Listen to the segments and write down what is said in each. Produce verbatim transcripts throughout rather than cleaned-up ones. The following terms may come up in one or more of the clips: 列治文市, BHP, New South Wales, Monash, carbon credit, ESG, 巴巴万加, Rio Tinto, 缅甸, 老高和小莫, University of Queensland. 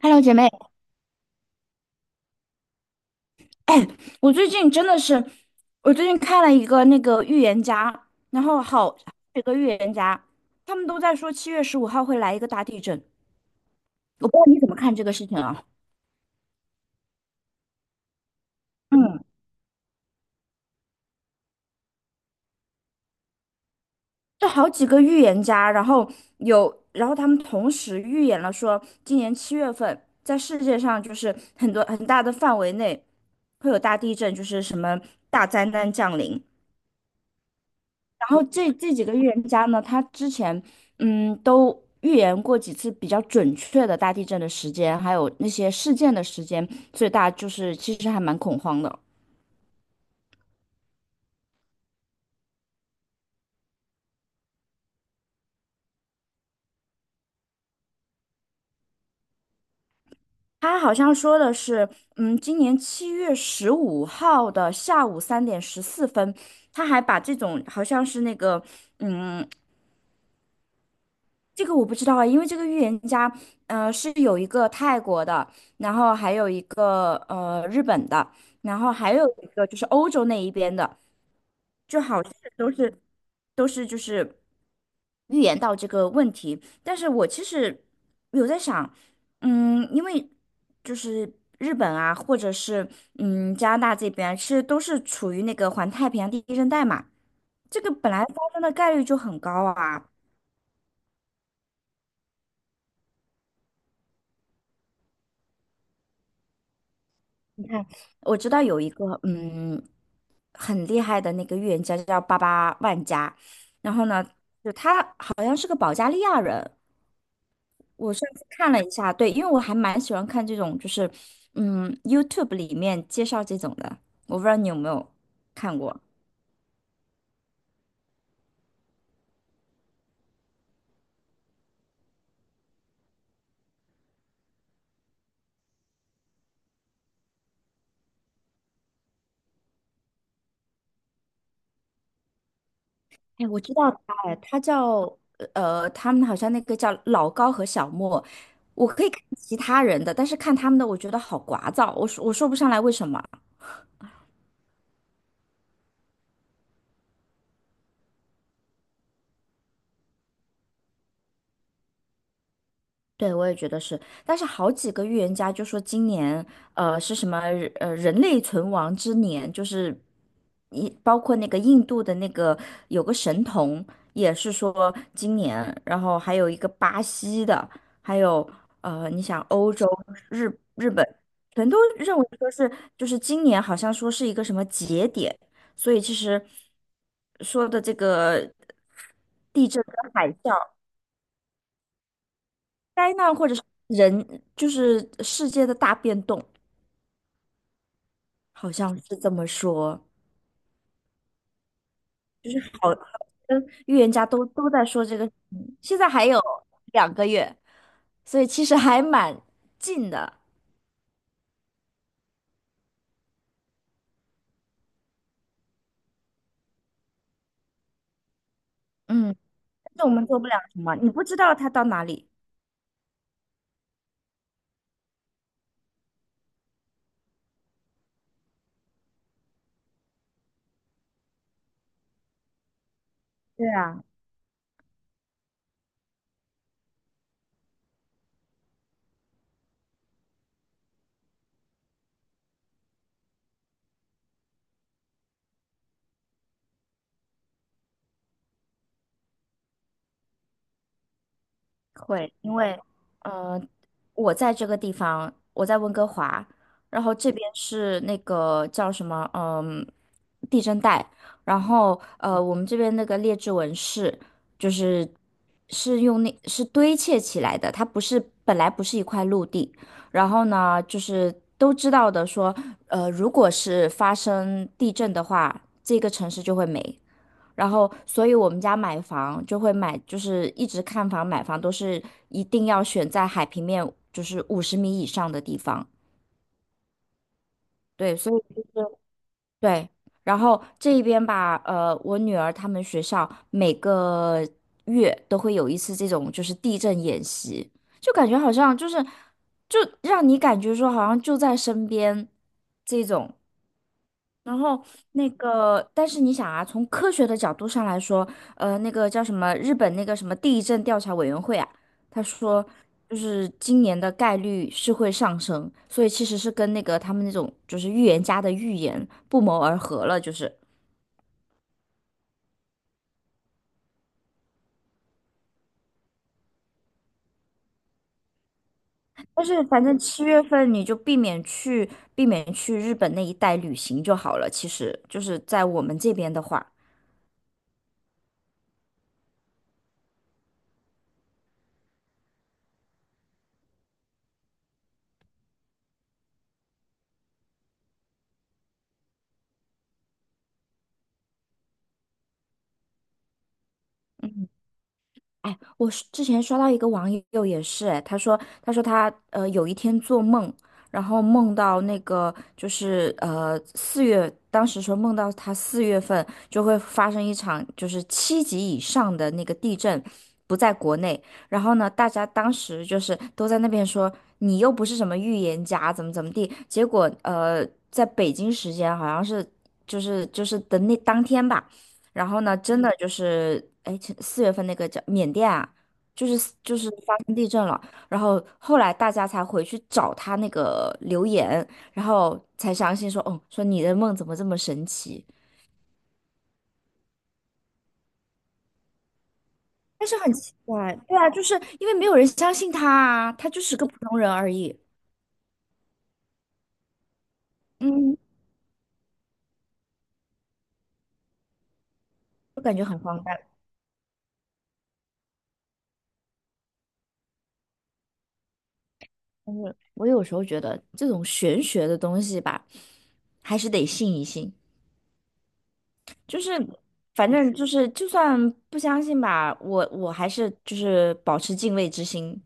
Hello，姐妹，哎，我最近真的是，我最近看了一个那个预言家，然后好几个预言家，他们都在说七月十五号会来一个大地震，我不知道你怎么看这个事情啊？嗯，这好几个预言家，然后有，然后他们同时预言了说，今年七月份在世界上就是很多很大的范围内会有大地震，就是什么大灾难降临，然后这这几个预言家呢，他之前嗯都预言过几次比较准确的大地震的时间，还有那些事件的时间，所以大家就是其实还蛮恐慌的。他好像说的是，嗯，今年七月十五号的下午三点十四分，他还把这种好像是那个，嗯，这个我不知道啊，因为这个预言家，呃，是有一个泰国的，然后还有一个呃日本的，然后还有一个就是欧洲那一边的，就好像都是都是就是预言到这个问题。但是我其实有在想，嗯，因为就是日本啊，或者是嗯加拿大这边啊，其实都是处于那个环太平洋地震带嘛，这个本来发生的概率就很高啊。你看，我知道有一个嗯很厉害的那个预言家叫巴巴万加，然后呢，好像是个保加利亚人。我上次看了一下，对，因为我还蛮喜欢看这种，就是嗯 YouTube 里面介绍这种的，我不知道你有没有看过。哎，我知道他，哎，他叫呃，他们好像那个叫老高和小莫。我可以看其他人的，但是看他们的，我觉得好聒噪，我说我说不上来为什么。对，我也觉得是，但是好几个预言家就说今年，呃，是什么人呃人类存亡之年，就是一包括那个印度的那个有个神童也是说今年，然后还有一个巴西的，还有呃，你想欧洲、日日本，全都认为说是就是今年好像说是一个什么节点，所以其实说的这个地震跟海啸。灾难或者是人，就是世界的大变动，好像是这么说。嗯，预言家都都在说这个事情，现在还有两个月，所以其实还蛮近的。嗯，但是我们做不了什么，你不知道它到哪里。对啊。会，因为呃，我在这个地方，我在温哥华，然后这边是那个叫什么，嗯，地震带，然后呃，我们这边那个列治文市就是是用那是堆砌起来的，它不是本来不是一块陆地，然后呢，就是都知道的说，呃，如果是发生地震的话，这个城市就会没。然后，所以我们家买房就会买，就是一直看房买房都是一定要选在海平面就是五十米以上的地方。对，所以对，然后这一边吧，呃，我女儿他们学校每个月都会有一次这种就是地震演习，就感觉好像就是就让你感觉说好像就在身边这种。然后那个，但是你想啊，从科学的角度上来说，呃，那个叫什么日本那个什么地震调查委员会啊，他说就是今年的概率是会上升，所以其实是跟那个他们那种就是预言家的预言不谋而合了，就是。但是反正七月份你就避免去避免去日本那一带旅行就好了，其实就是在我们这边的话。哎，我是之前刷到一个网友也是，哎，他说，他说他呃有一天做梦，然后梦到那个就是呃四月，当时说梦到他四月份就会发生一场就是七级以上的那个地震，不在国内，然后呢，大家当时就是都在那边说你又不是什么预言家，怎么怎么地，结果呃在北京时间好像是就是就是的那当天吧。然后呢，真的就是，哎，前四月份那个叫缅甸啊，就是就是发生地震了，然后后来大家才回去找他那个留言，然后才相信说，哦，说你的梦怎么这么神奇？但是很奇怪，对啊，就是因为没有人相信他啊，他就是个普通人而已，嗯，我感觉很荒诞。但是我有时候觉得这种玄学的东西吧，还是得信一信。就是反正就是，就算不相信吧，我我还是就是保持敬畏之心。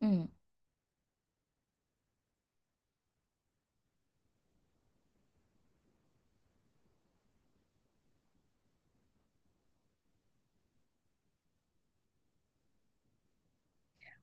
嗯。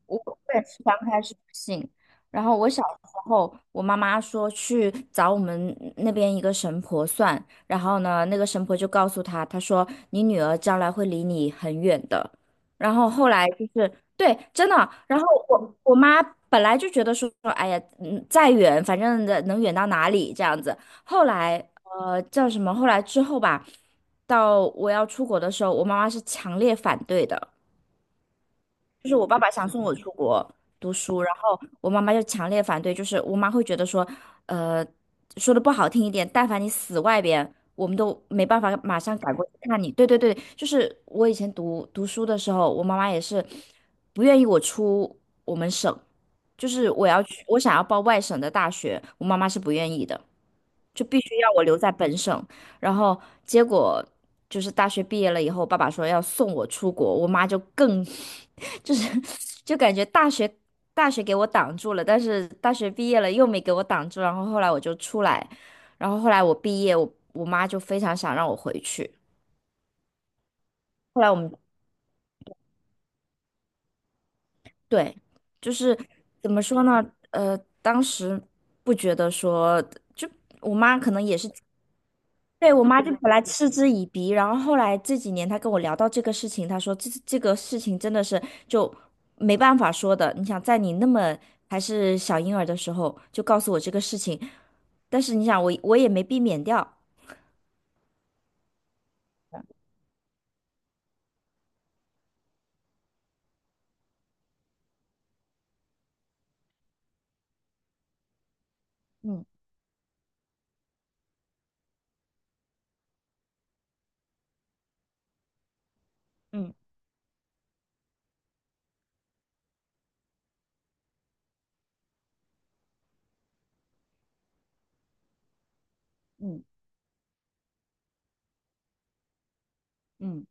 我我也是刚开始不信，然后我小时候，我妈妈说去找我们那边一个神婆算，然后呢，那个神婆就告诉她，她说你女儿将来会离你很远的。然后后来就是对，真的，然后我我妈本来就觉得说，哎呀，嗯，再远反正的能远到哪里这样子。后来呃叫什么？后来之后吧，到我要出国的时候，我妈妈是强烈反对的。就是我爸爸想送我出国读书，然后我妈妈就强烈反对，就是我妈会觉得说，呃，说的不好听一点，但凡你死外边，我们都没办法马上赶过去看你。对对对，就是我以前读读书的时候，我妈妈也是不愿意我出我们省，就是我要去，我想要报外省的大学，我妈妈是不愿意的，就必须要我留在本省。然后结果就是大学毕业了以后，爸爸说要送我出国，我妈就更 就是就感觉大学大学给我挡住了，但是大学毕业了又没给我挡住，然后后来我就出来，然后后来我毕业，我我妈就非常想让我回去，后来我们对，就是怎么说呢，呃，当时不觉得说，就我妈可能也是。对，我妈就本来嗤之以鼻，然后后来这几年她跟我聊到这个事情，她说这这个事情真的是就没办法说的。你想在你那么还是小婴儿的时候就告诉我这个事情，但是你想我我也没避免掉，嗯嗯嗯嗯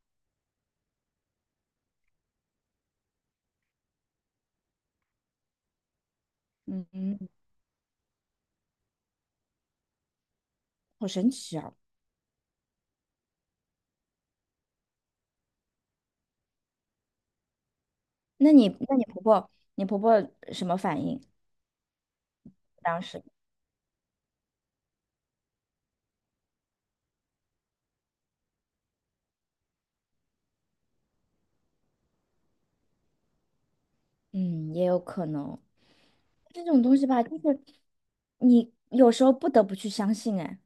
嗯嗯，好神奇啊！那你那你婆婆你婆婆什么反应？当时嗯也有可能这种东西吧，就是你有时候不得不去相信，哎，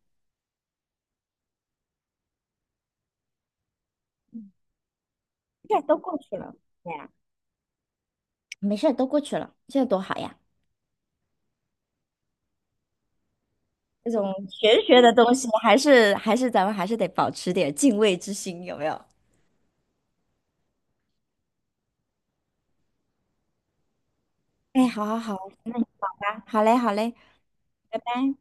这都过去了。对，没事儿，都过去了，这多好呀！这种玄学的东西，还是还是咱们还是得保持点敬畏之心，有没有？哎，好好好，好嘞，好嘞，拜拜。